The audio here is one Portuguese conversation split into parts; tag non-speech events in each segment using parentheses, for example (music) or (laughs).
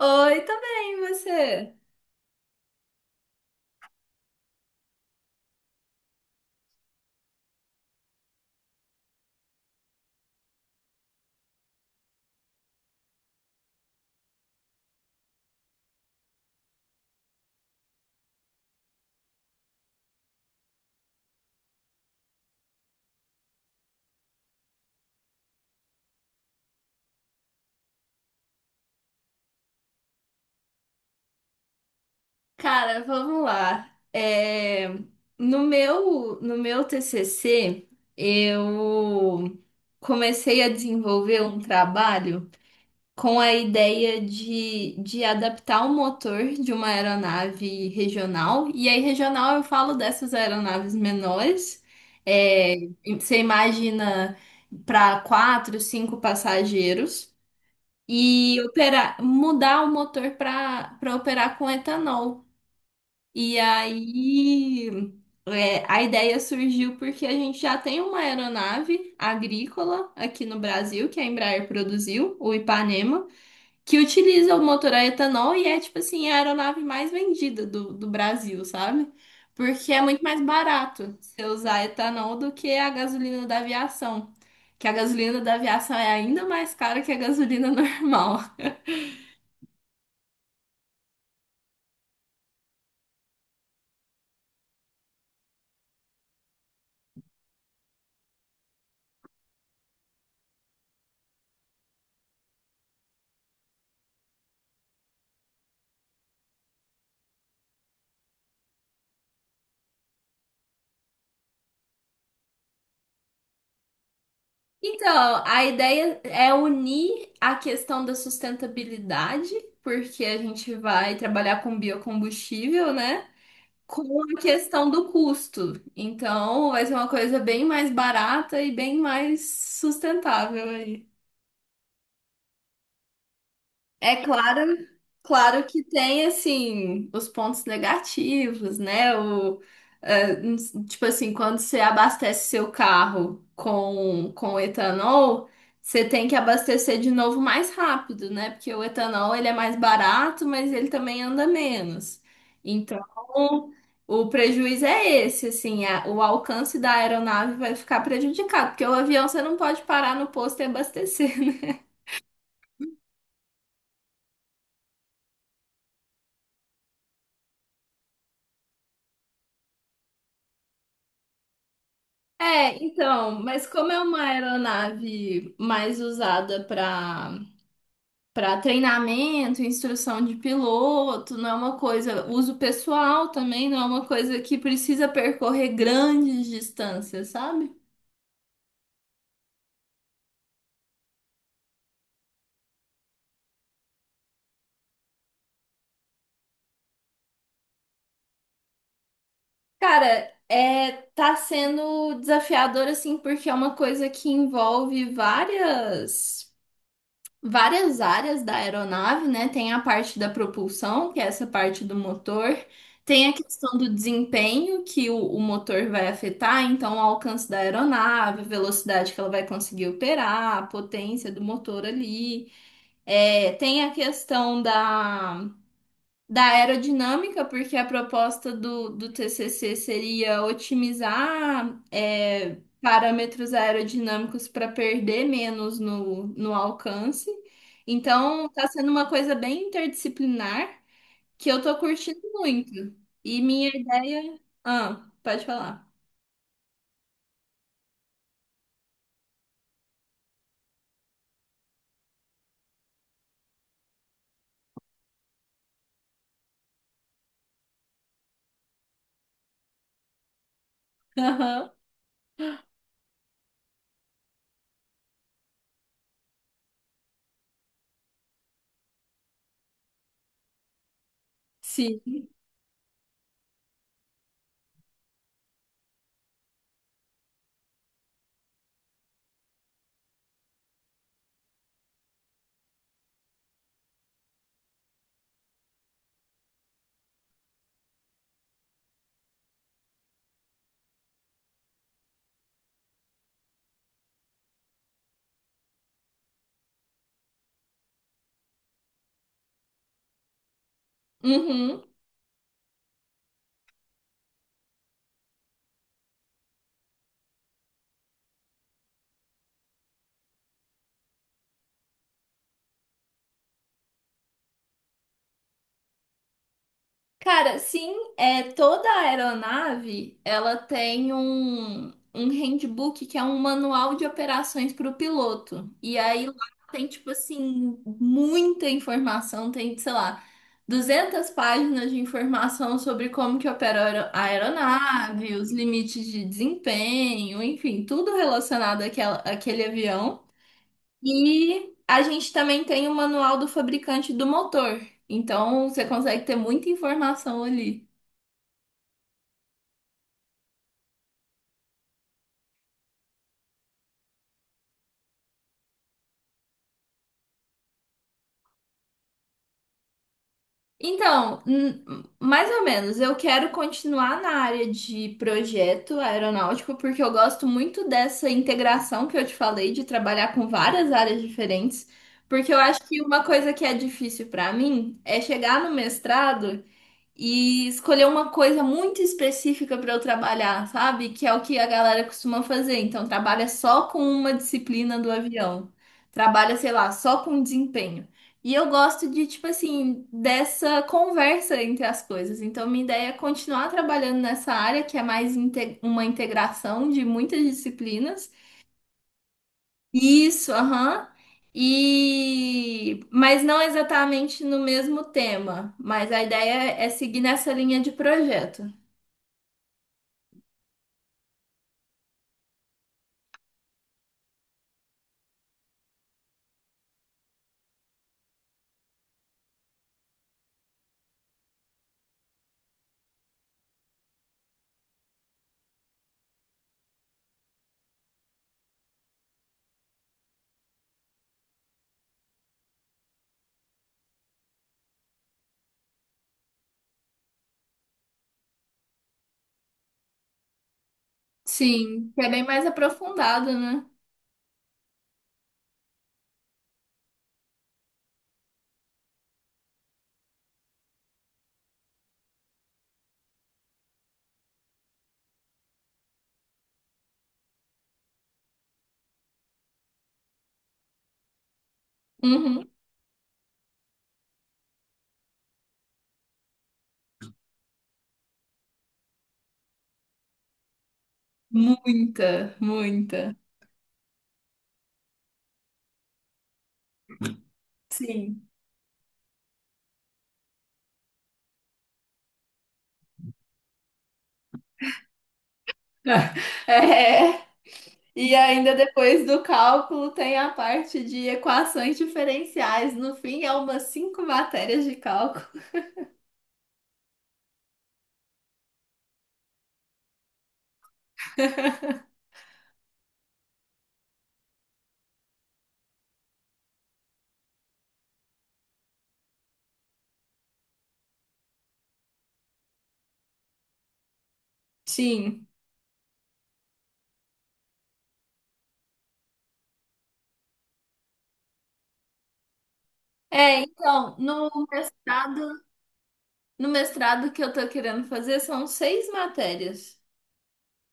Oi, tá bem, e você? Cara, vamos lá. É, no meu TCC, eu comecei a desenvolver um trabalho com a ideia de adaptar o motor de uma aeronave regional. E aí, regional, eu falo dessas aeronaves menores. É, você imagina para quatro, cinco passageiros. E operar, mudar o motor para operar com etanol. E aí a ideia surgiu porque a gente já tem uma aeronave agrícola aqui no Brasil, que a Embraer produziu, o Ipanema, que utiliza o motor a etanol e é tipo assim, a aeronave mais vendida do Brasil, sabe? Porque é muito mais barato você usar etanol do que a gasolina da aviação. Que a gasolina da aviação é ainda mais cara que a gasolina (laughs) normal. Então, a ideia é unir a questão da sustentabilidade, porque a gente vai trabalhar com biocombustível, né? Com a questão do custo. Então, vai ser uma coisa bem mais barata e bem mais sustentável aí. É claro, claro que tem assim os pontos negativos, né? É, n- tipo assim, quando você abastece seu carro com etanol, você tem que abastecer de novo mais rápido, né? Porque o etanol ele é mais barato, mas ele também anda menos. Então, o prejuízo é esse, assim, a- o alcance da aeronave vai ficar prejudicado, porque o avião você não pode parar no posto e abastecer. (laughs) É, então, mas como é uma aeronave mais usada para para treinamento, instrução de piloto, não é uma coisa, uso pessoal também, não é uma coisa que precisa percorrer grandes distâncias, sabe? Cara, é, tá sendo desafiador assim, porque é uma coisa que envolve várias áreas da aeronave, né? Tem a parte da propulsão, que é essa parte do motor, tem a questão do desempenho que o motor vai afetar, então o alcance da aeronave, a velocidade que ela vai conseguir operar, a potência do motor ali. É, tem a questão da aerodinâmica, porque a proposta do TCC seria otimizar parâmetros aerodinâmicos para perder menos no alcance. Então, está sendo uma coisa bem interdisciplinar que eu tô curtindo muito. E minha ideia. Ah, pode falar. (laughs) Aham. Sim. Uhum. Cara, sim, é toda a aeronave, ela tem um handbook que é um manual de operações para o piloto. E aí lá tem tipo assim muita informação, tem, sei lá, 200 páginas de informação sobre como que opera a aero- a aeronave, os limites de desempenho, enfim, tudo relacionado àquela, àquele avião. E a gente também tem o manual do fabricante do motor. Então, você consegue ter muita informação ali. Então, mais ou menos, eu quero continuar na área de projeto aeronáutico, porque eu gosto muito dessa integração que eu te falei, de trabalhar com várias áreas diferentes. Porque eu acho que uma coisa que é difícil para mim é chegar no mestrado e escolher uma coisa muito específica para eu trabalhar, sabe? Que é o que a galera costuma fazer. Então, trabalha só com uma disciplina do avião. Trabalha, sei lá, só com desempenho. E eu gosto de, tipo assim, dessa conversa entre as coisas. Então, minha ideia é continuar trabalhando nessa área, que é mais inte- uma integração de muitas disciplinas. Isso, aham. E mas não exatamente no mesmo tema, mas a ideia é seguir nessa linha de projeto. Sim, que é bem mais aprofundado, né? Uhum. Muita, muita. Sim. (laughs) É. E ainda depois do cálculo tem a parte de equações diferenciais. No fim, é umas cinco matérias de cálculo. Sim. É, então, no mestrado. No mestrado que eu tô querendo fazer são seis matérias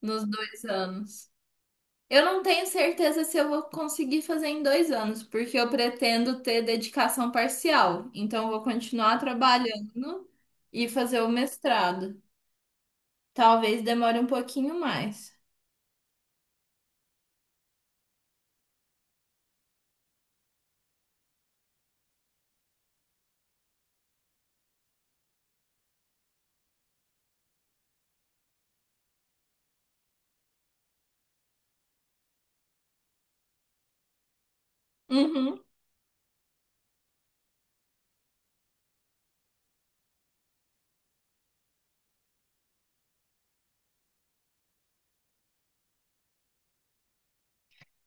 nos 2 anos. Eu não tenho certeza se eu vou conseguir fazer em 2 anos, porque eu pretendo ter dedicação parcial. Então, eu vou continuar trabalhando e fazer o mestrado. Talvez demore um pouquinho mais. Uhum.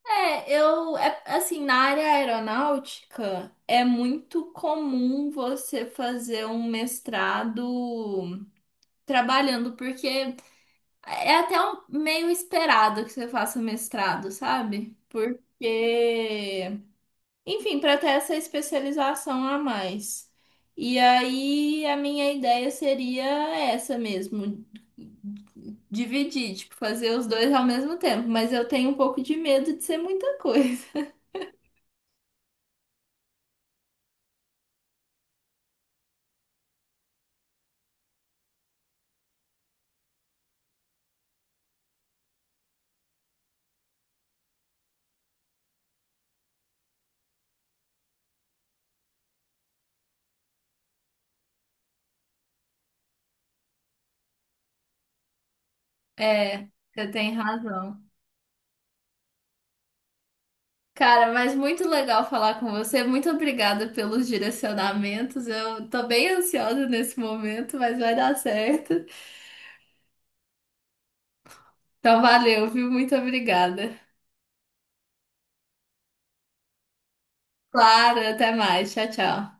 É, assim, na área aeronáutica é muito comum você fazer um mestrado trabalhando, porque é até meio esperado que você faça mestrado, sabe? Porque, enfim, para ter essa especialização a mais. E aí a minha ideia seria essa mesmo, dividir, tipo, fazer os dois ao mesmo tempo, mas eu tenho um pouco de medo de ser muita coisa. (laughs) É, você tem razão. Cara, mas muito legal falar com você. Muito obrigada pelos direcionamentos. Eu tô bem ansiosa nesse momento, mas vai dar certo. Então, valeu, viu? Muito obrigada. Claro, até mais. Tchau, tchau.